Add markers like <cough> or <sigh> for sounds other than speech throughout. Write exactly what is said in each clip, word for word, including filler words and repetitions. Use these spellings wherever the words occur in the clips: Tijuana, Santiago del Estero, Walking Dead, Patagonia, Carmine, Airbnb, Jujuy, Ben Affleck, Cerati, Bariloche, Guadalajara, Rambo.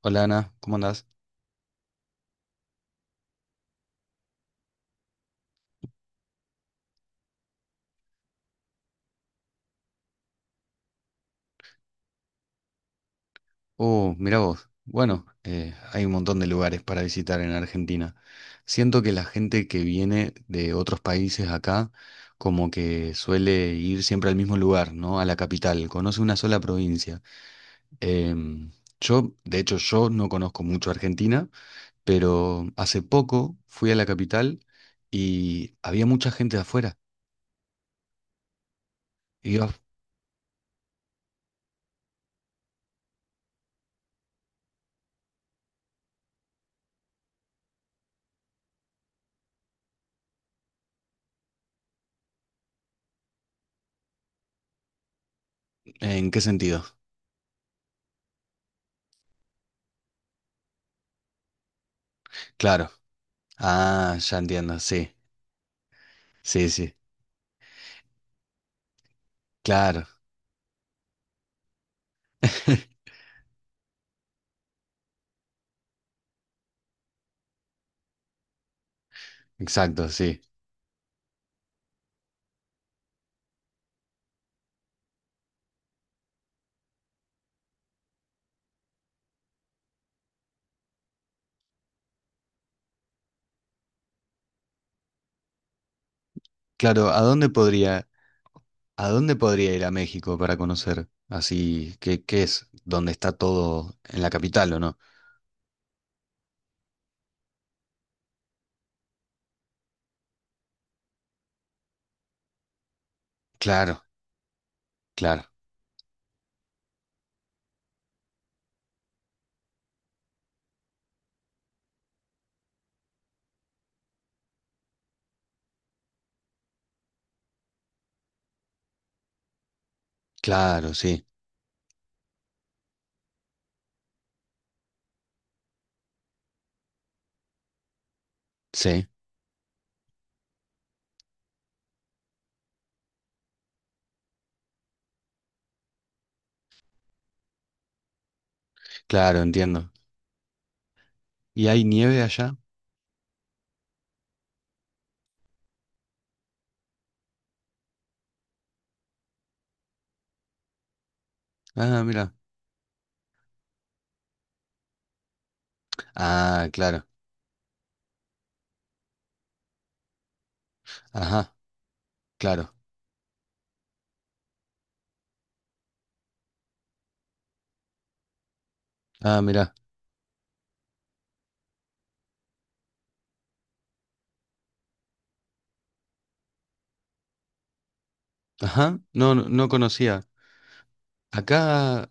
Hola Ana, ¿cómo andás? Oh, mira vos. Bueno, eh, hay un montón de lugares para visitar en Argentina. Siento que la gente que viene de otros países acá como que suele ir siempre al mismo lugar, ¿no? A la capital, conoce una sola provincia. Em, yo, de hecho, yo no conozco mucho Argentina, pero hace poco fui a la capital y había mucha gente de afuera. Y yo, ¿en qué sentido? Claro. Ah, ya entiendo, sí, sí, sí, claro. <laughs> Exacto, sí. Claro, ¿a dónde podría, a dónde podría ir a México para conocer? Así, ¿qué, qué es? ¿Dónde está todo? ¿En la capital o no? Claro, claro, claro, sí, sí, claro, entiendo. ¿Y hay nieve allá? Ah, mira. Ah, claro, ajá, claro. Ah, mira. Ajá, no, no, no conocía. Acá,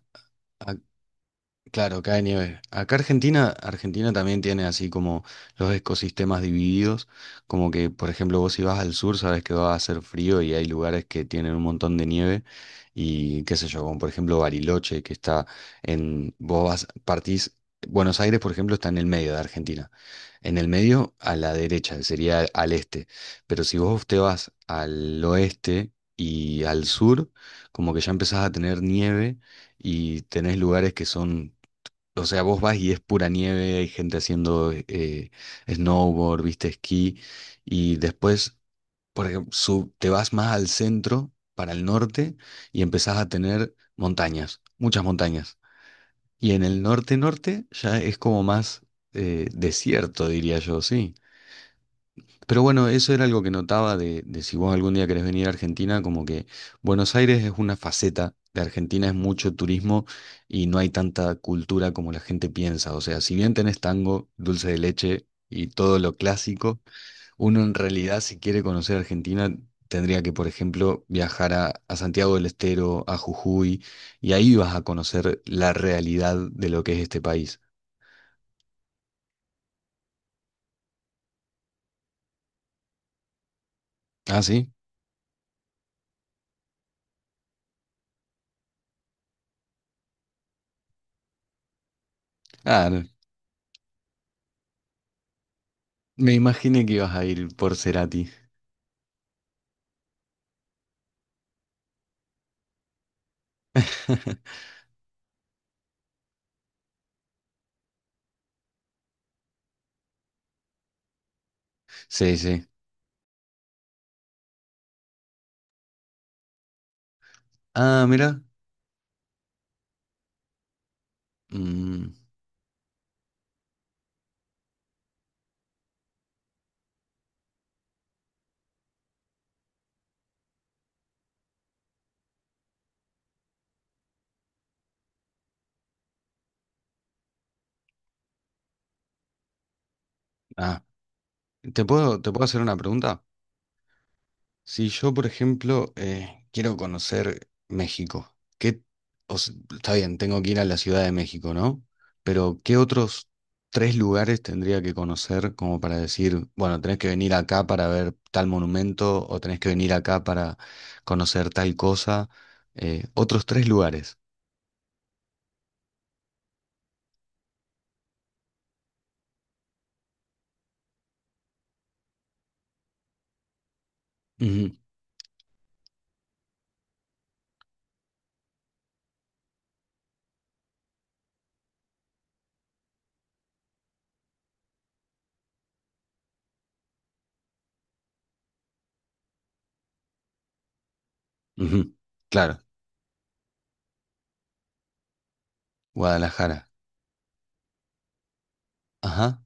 claro, cae nieve. Acá Argentina, Argentina también tiene así como los ecosistemas divididos, como que por ejemplo vos si vas al sur sabes que va a hacer frío y hay lugares que tienen un montón de nieve y qué sé yo, como por ejemplo Bariloche que está en, vos vas, partís, Buenos Aires por ejemplo está en el medio de Argentina, en el medio a la derecha, sería al este, pero si vos te vas al oeste y al sur, como que ya empezás a tener nieve y tenés lugares que son, o sea, vos vas y es pura nieve, hay gente haciendo eh, snowboard, viste, esquí, y después, por ejemplo, sub- te vas más al centro, para el norte, y empezás a tener montañas, muchas montañas. Y en el norte-norte ya es como más eh, desierto, diría yo, sí. Pero bueno, eso era algo que notaba de, de si vos algún día querés venir a Argentina, como que Buenos Aires es una faceta de Argentina, es mucho turismo y no hay tanta cultura como la gente piensa. O sea, si bien tenés tango, dulce de leche y todo lo clásico, uno en realidad si quiere conocer Argentina tendría que, por ejemplo, viajar a, a Santiago del Estero, a Jujuy, y ahí vas a conocer la realidad de lo que es este país. ¿Ah, sí? Ah, me imaginé que ibas a ir por Cerati. <laughs> Sí, sí. Ah, mira. Mm, ah, ¿te puedo, te puedo hacer una pregunta? Si yo, por ejemplo, eh, quiero conocer México, ¿qué, o sea, está bien, tengo que ir a la Ciudad de México, ¿no? Pero ¿qué otros tres lugares tendría que conocer como para decir, bueno, tenés que venir acá para ver tal monumento o tenés que venir acá para conocer tal cosa? Eh, otros tres lugares. Ujú, ujú, claro, Guadalajara. Ajá,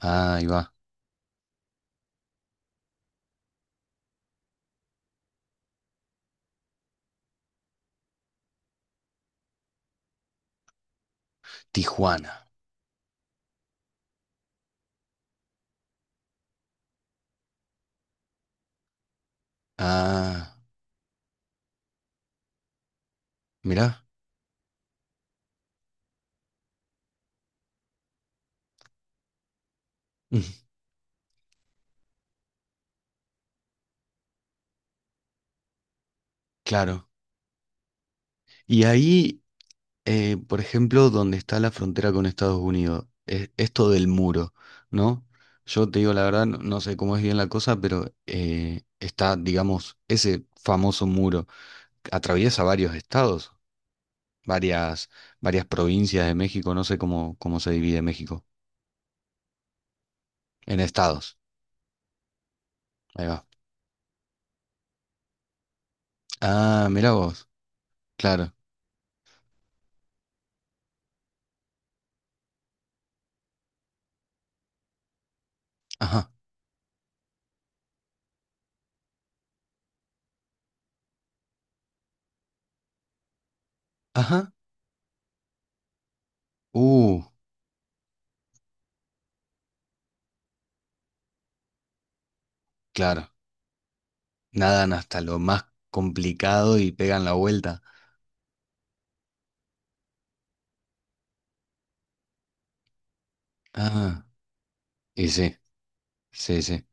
ah, ahí va. Tijuana. Ah, mirá. Mm, claro. Y ahí, eh, por ejemplo, donde está la frontera con Estados Unidos, e- esto del muro, ¿no? Yo te digo la verdad, no, no sé cómo es bien la cosa, pero eh, está, digamos, ese famoso muro. Atraviesa varios estados, varias, varias provincias de México, no sé cómo, cómo se divide México. En estados. Ahí va. Ah, mirá vos. Claro. Ajá. Ajá. Uh, claro. Nadan hasta lo más complicado y pegan la vuelta. Ah, y sí, sí, sí.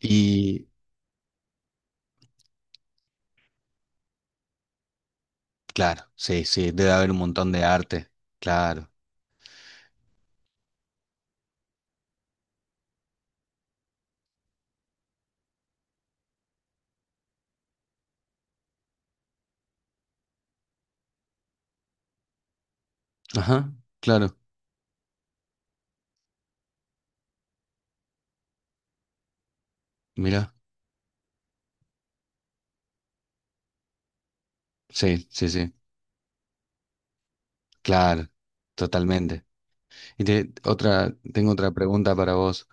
Y claro, sí, sí, debe haber un montón de arte. Claro. Ajá, claro. Mira, sí, sí, sí. Claro, totalmente. Y te- otra, tengo otra pregunta para vos.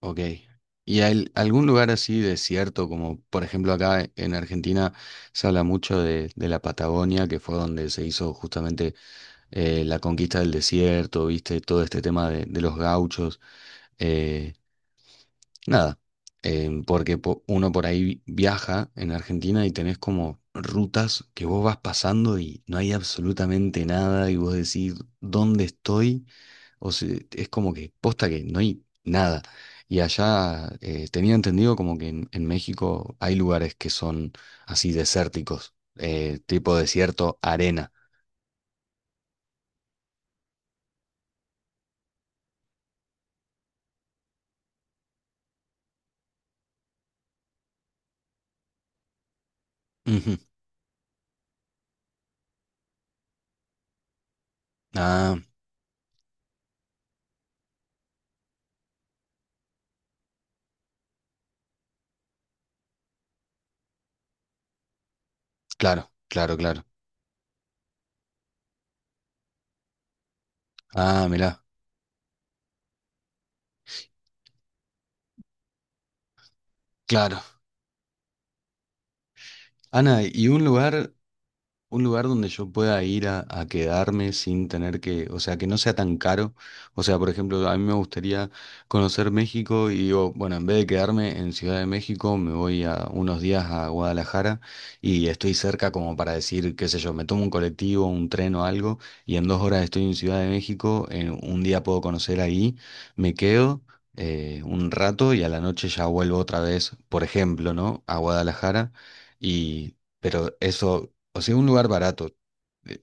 Ok. ¿Y hay algún lugar así desierto, como por ejemplo acá en Argentina se habla mucho de, de la Patagonia, que fue donde se hizo justamente eh, la conquista del desierto, viste, todo este tema de, de los gauchos, eh, nada, eh, porque po- uno por ahí vi- viaja en Argentina y tenés como rutas que vos vas pasando y no hay absolutamente nada y vos decís, ¿dónde estoy? O sea, es como que posta que no hay nada. Y allá eh, tenía entendido como que en, en México hay lugares que son así desérticos, eh, tipo desierto, arena. Ujú. Ah, claro, claro, claro. Ah, mirá, claro. Ana, ¿y un lugar? Un lugar donde yo pueda ir a, a quedarme sin tener que, o sea, que no sea tan caro. O sea, por ejemplo, a mí me gustaría conocer México y digo, bueno, en vez de quedarme en Ciudad de México, me voy a unos días a Guadalajara y estoy cerca como para decir, qué sé yo, me tomo un colectivo, un tren o algo y en dos horas estoy en Ciudad de México, en un día puedo conocer ahí, me quedo eh, un rato y a la noche ya vuelvo otra vez, por ejemplo, ¿no? A Guadalajara y pero eso, o sea, un lugar barato. Eh,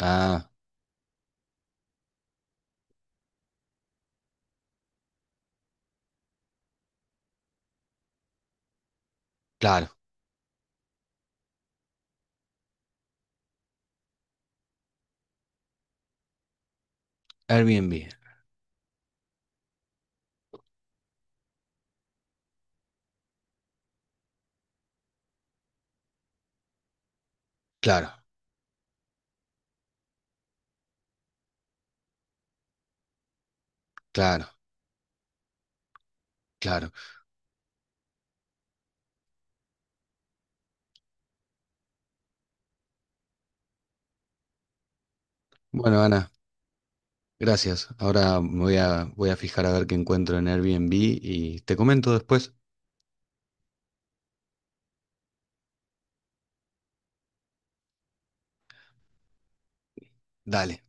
Ah, claro. er b n b. Claro, claro, claro. Bueno, Ana, gracias. Ahora me voy a, voy a fijar a ver qué encuentro en er b n b y te comento después. Dale.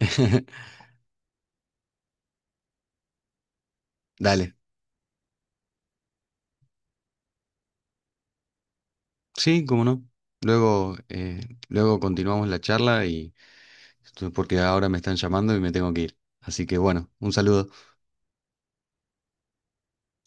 <laughs> Dale. Sí, cómo no. Luego, eh, luego continuamos la charla y porque ahora me están llamando y me tengo que ir. Así que bueno, un saludo.